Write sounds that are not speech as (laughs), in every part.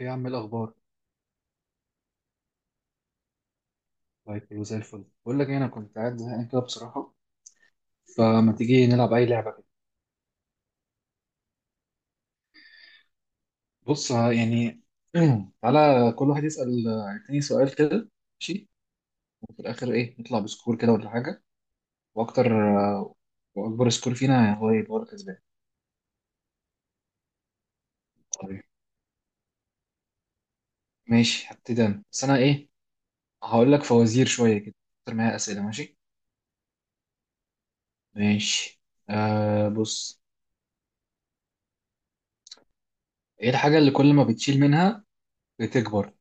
ايه يا عم، إيه الاخبار؟ طيب كله زي الفل. بقول لك إيه، انا كنت قاعد زهقان كده بصراحه. فما تيجي نلعب اي لعبه كده؟ بص (clears throat) تعالى كل واحد يسال التاني سؤال كده. ماشي. وفي الاخر ايه، نطلع بسكور كده ولا حاجه؟ واكتر. آه، واكبر سكور فينا هو يبقى هو الكسبان. طيب ماشي، هبتدي انا بس انا ايه، هقول لك فوازير شويه كده. اكتر معايا اسئله. ماشي. ماشي. آه، بص، ايه الحاجه اللي كل ما بتشيل منها بتكبر؟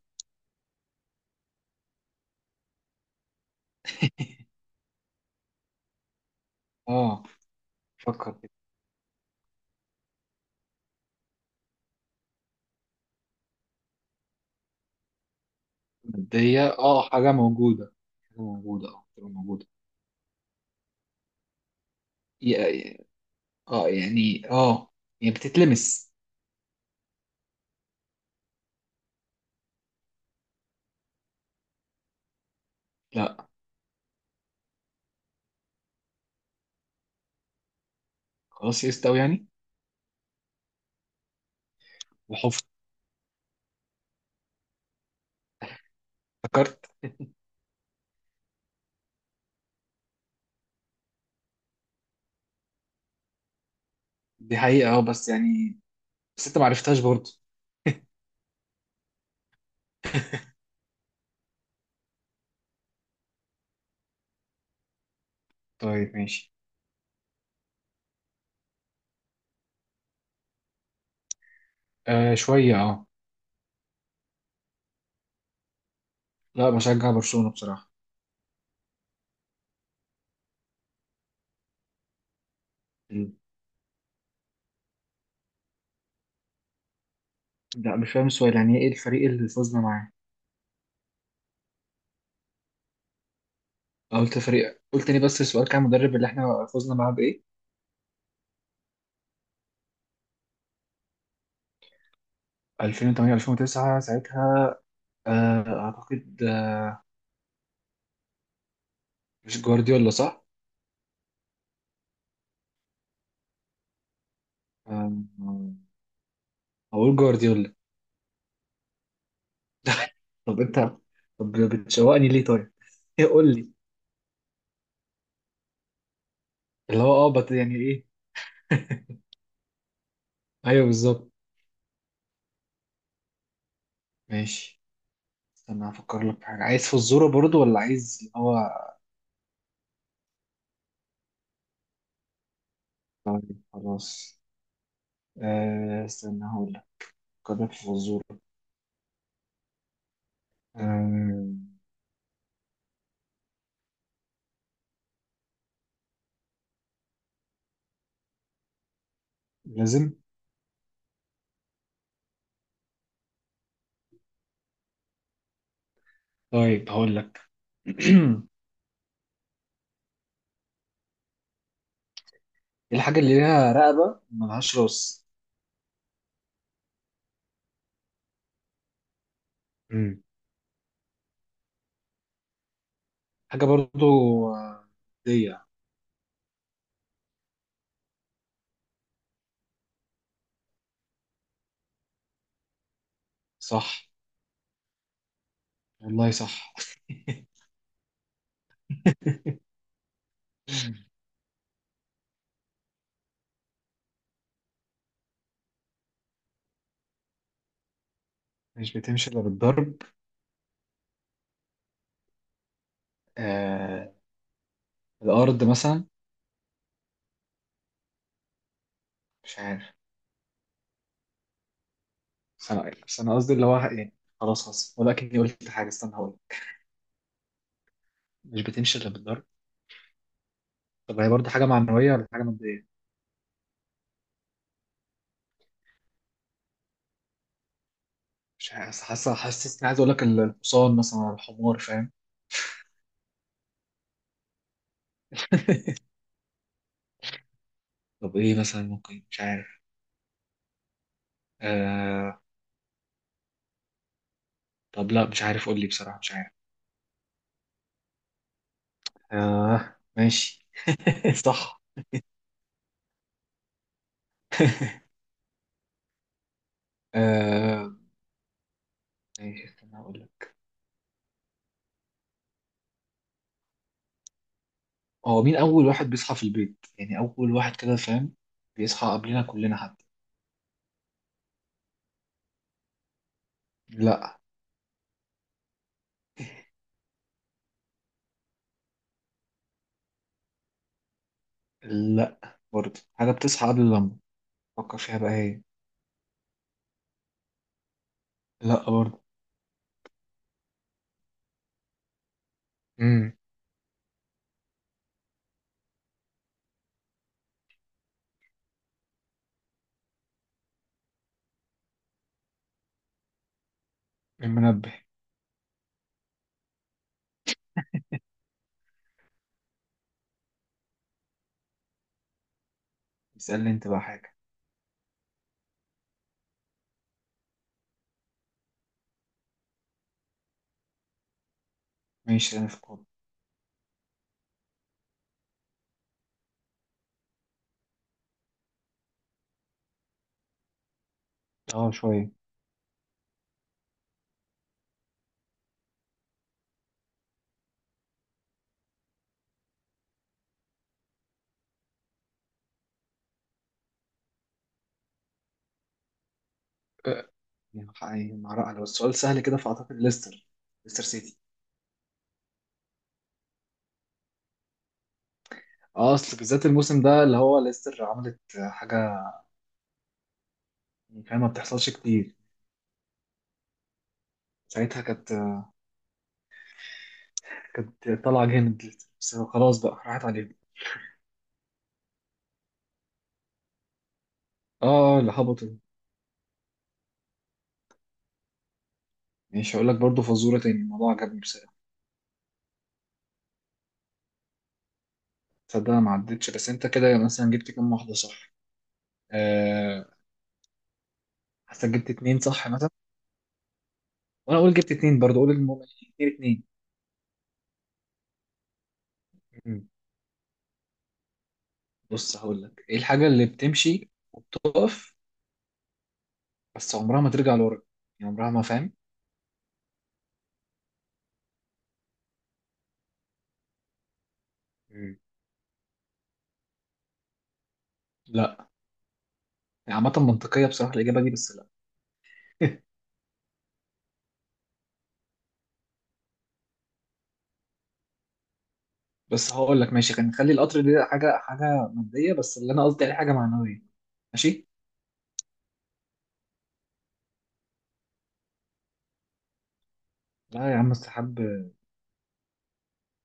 اه، فكر. مادية، اه حاجة موجودة. حاجة موجودة. ي- اه يعني اه، يعني بتتلمس. لا. خلاص يئست أوي يعني. وحفظ. افتكرت. دي حقيقة اه، بس يعني بس انت معرفتهاش برضه. طيب ماشي. آه شوية اه. لا بشجع برشلونة بصراحة. م. لا مش فاهم السؤال، يعني ايه الفريق اللي فزنا معاه؟ أه، قلت فريق قلت لي، بس السؤال كان المدرب اللي احنا فزنا معاه بإيه. 2008 2009 ساعتها. آه اعتقد مش جوارديولا صح؟ آه، هقول جوارديولا. (laughs) طب انت، طب بتشوقني ليه طيب؟ ايه قول لي، اللي هو اه يعني ايه؟ (laughs) ايوه بالظبط. ماشي. استنى هفكر لك في حاجة. عايز في الزورة برضو ولا عايز اللي هو؟ طيب خلاص. آه استنى هقول لك. هفكر لك في الزورة. آه. لازم. طيب هقول لك. (clears throat) إيه الحاجة اللي ليها رقبة ملهاش راس؟ امم حاجة برضو. آه، دي. صح. والله صح. (laughs) مش بتمشي إلا بالضرب. آه، الأرض مثلا؟ مش عارف. بس أنا قصدي اللي هو يعني. خلاص خلاص، ولكني قلت حاجة. استنى هقول. مش بتمشي إلا بالضرب. طب هي برضه حاجة معنوية ولا حاجة مادية؟ مش عارف، حاسة حاسس إني عايز أقول لك الحصان مثلا ولا الحمار، فاهم؟ طب إيه مثلا ممكن؟ مش عارف. آه. طب لا مش عارف، قول لي بصراحة مش عارف. آه ماشي. (laughs) صح. آه، إيه، استنى أقول لك. هو مين أول واحد بيصحى في البيت؟ يعني أول واحد كده فاهم، بيصحى قبلنا كلنا حتى. لا. لا برضه، حاجة بتصحى قبل اللمبة. فكر فيها بقى هي. لا برضه. امم. المنبه. اسألني انت بقى حاجة. ماشي، انا في كورة. اه شوية. آه، يعني يعني مع رأي، لو السؤال سهل كده فأعتقد ليستر. ليستر سيتي. اه اصل بالذات الموسم ده اللي هو ليستر عملت حاجة كان ما بتحصلش كتير. ساعتها كانت طالعة جامد ليستر، بس خلاص بقى راحت عليهم. اه. اه، اللي هبطوا. ماشي، هقول لك برضه فزورة تاني، الموضوع عجبني بصراحة. تصدق انا ما عدتش. بس انت كده مثلا جبت كام واحدة صح؟ آه، حاسسك جبت اتنين صح مثلا. وانا اقول جبت اتنين برضه، اقول المهم. اتنين اتنين. مم. بص هقول لك، ايه الحاجه اللي بتمشي وبتقف بس عمرها ما ترجع لورا؟ يعني عمرها ما، فاهم؟ مم. لا. يعني عامه منطقيه بصراحه الاجابه دي، بس لا. (laughs) بس هقول لك ماشي، كان نخلي القطر دي حاجه، حاجه ماديه، بس اللي انا قصدي عليه حاجه معنويه. ماشي. لا يا عم، السحاب.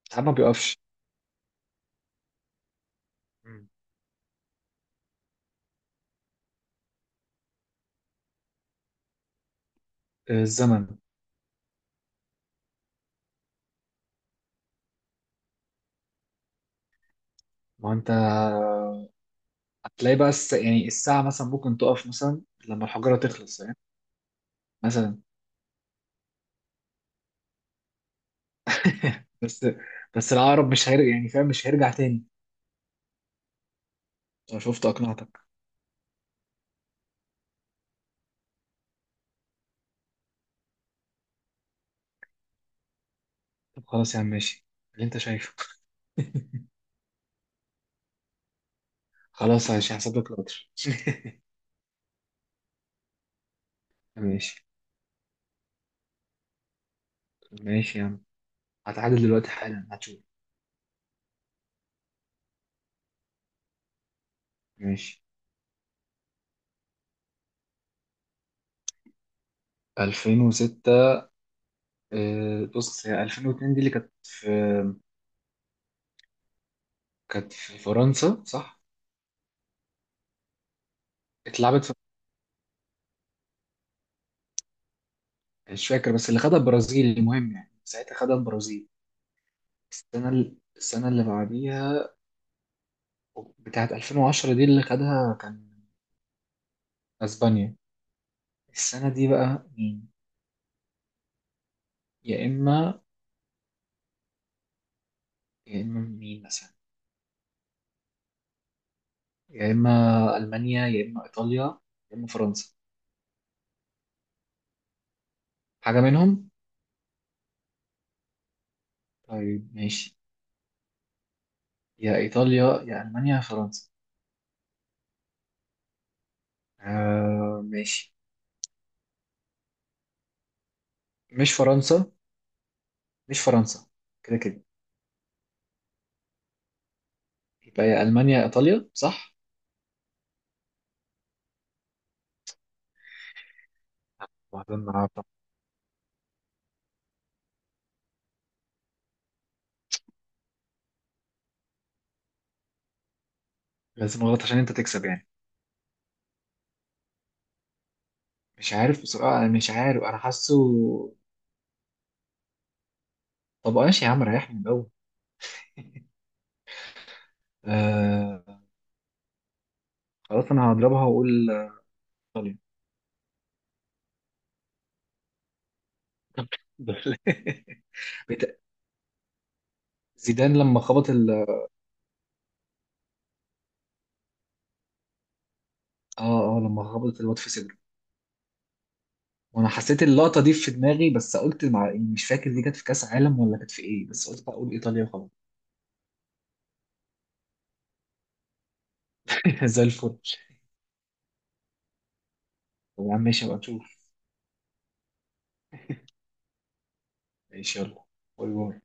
السحاب ما بيقفش. مم. الزمن. ما انت هتلاقي بقى يعني الساعة مثلا ممكن تقف مثلا لما الحجارة تخلص يعني. مثلا. بس بس العقرب مش هيرجع، يعني فاهم، مش هيرجع تاني. انا شفت اقنعتك. طب خلاص يا عم ماشي، اللي انت شايفه. (laughs) خلاص ماشي، هحسب لك القدر. (laughs) ماشي. ماشي يا عم، هتعادل دلوقتي حالا هتشوف. ماشي. 2006. آه، بص، هي 2002 دي اللي كانت في، كانت في فرنسا صح؟ اتلعبت في، مش فاكر، بس اللي خدها البرازيل، المهم يعني ساعتها خدها البرازيل. السنة اللي بعديها بتاعت 2010 دي اللي خدها كان اسبانيا. السنة دي بقى مين؟ يا إما، يا إما مين مثلا، يا إما ألمانيا يا إما إيطاليا يا إما فرنسا، حاجة منهم. طيب ماشي. يا إيطاليا يا ألمانيا يا فرنسا. آه ماشي. مش فرنسا مش فرنسا. كده كده يبقى يا ألمانيا يا إيطاليا صح؟ واحدة النهاردة. لازم أغلط عشان أنت تكسب يعني. مش عارف بصراحة، أنا مش عارف، أنا حاسه. طب ماشي يا عم، ريحني من الأول. آه، خلاص أنا هضربها وأقول إيطاليا. (laughs) بت- زيدان لما خبط ال اه لما خبط الواد في صدره. وانا حسيت اللقطه دي في دماغي، بس قلت مع يعني مش فاكر دي كانت في كاس عالم ولا كانت في ايه، بس قلت بقى اقول ايطاليا وخلاص. (laughs) زي الفل. طب يا عم ماشي بقى نشوف. ماشي. يلا، باي باي.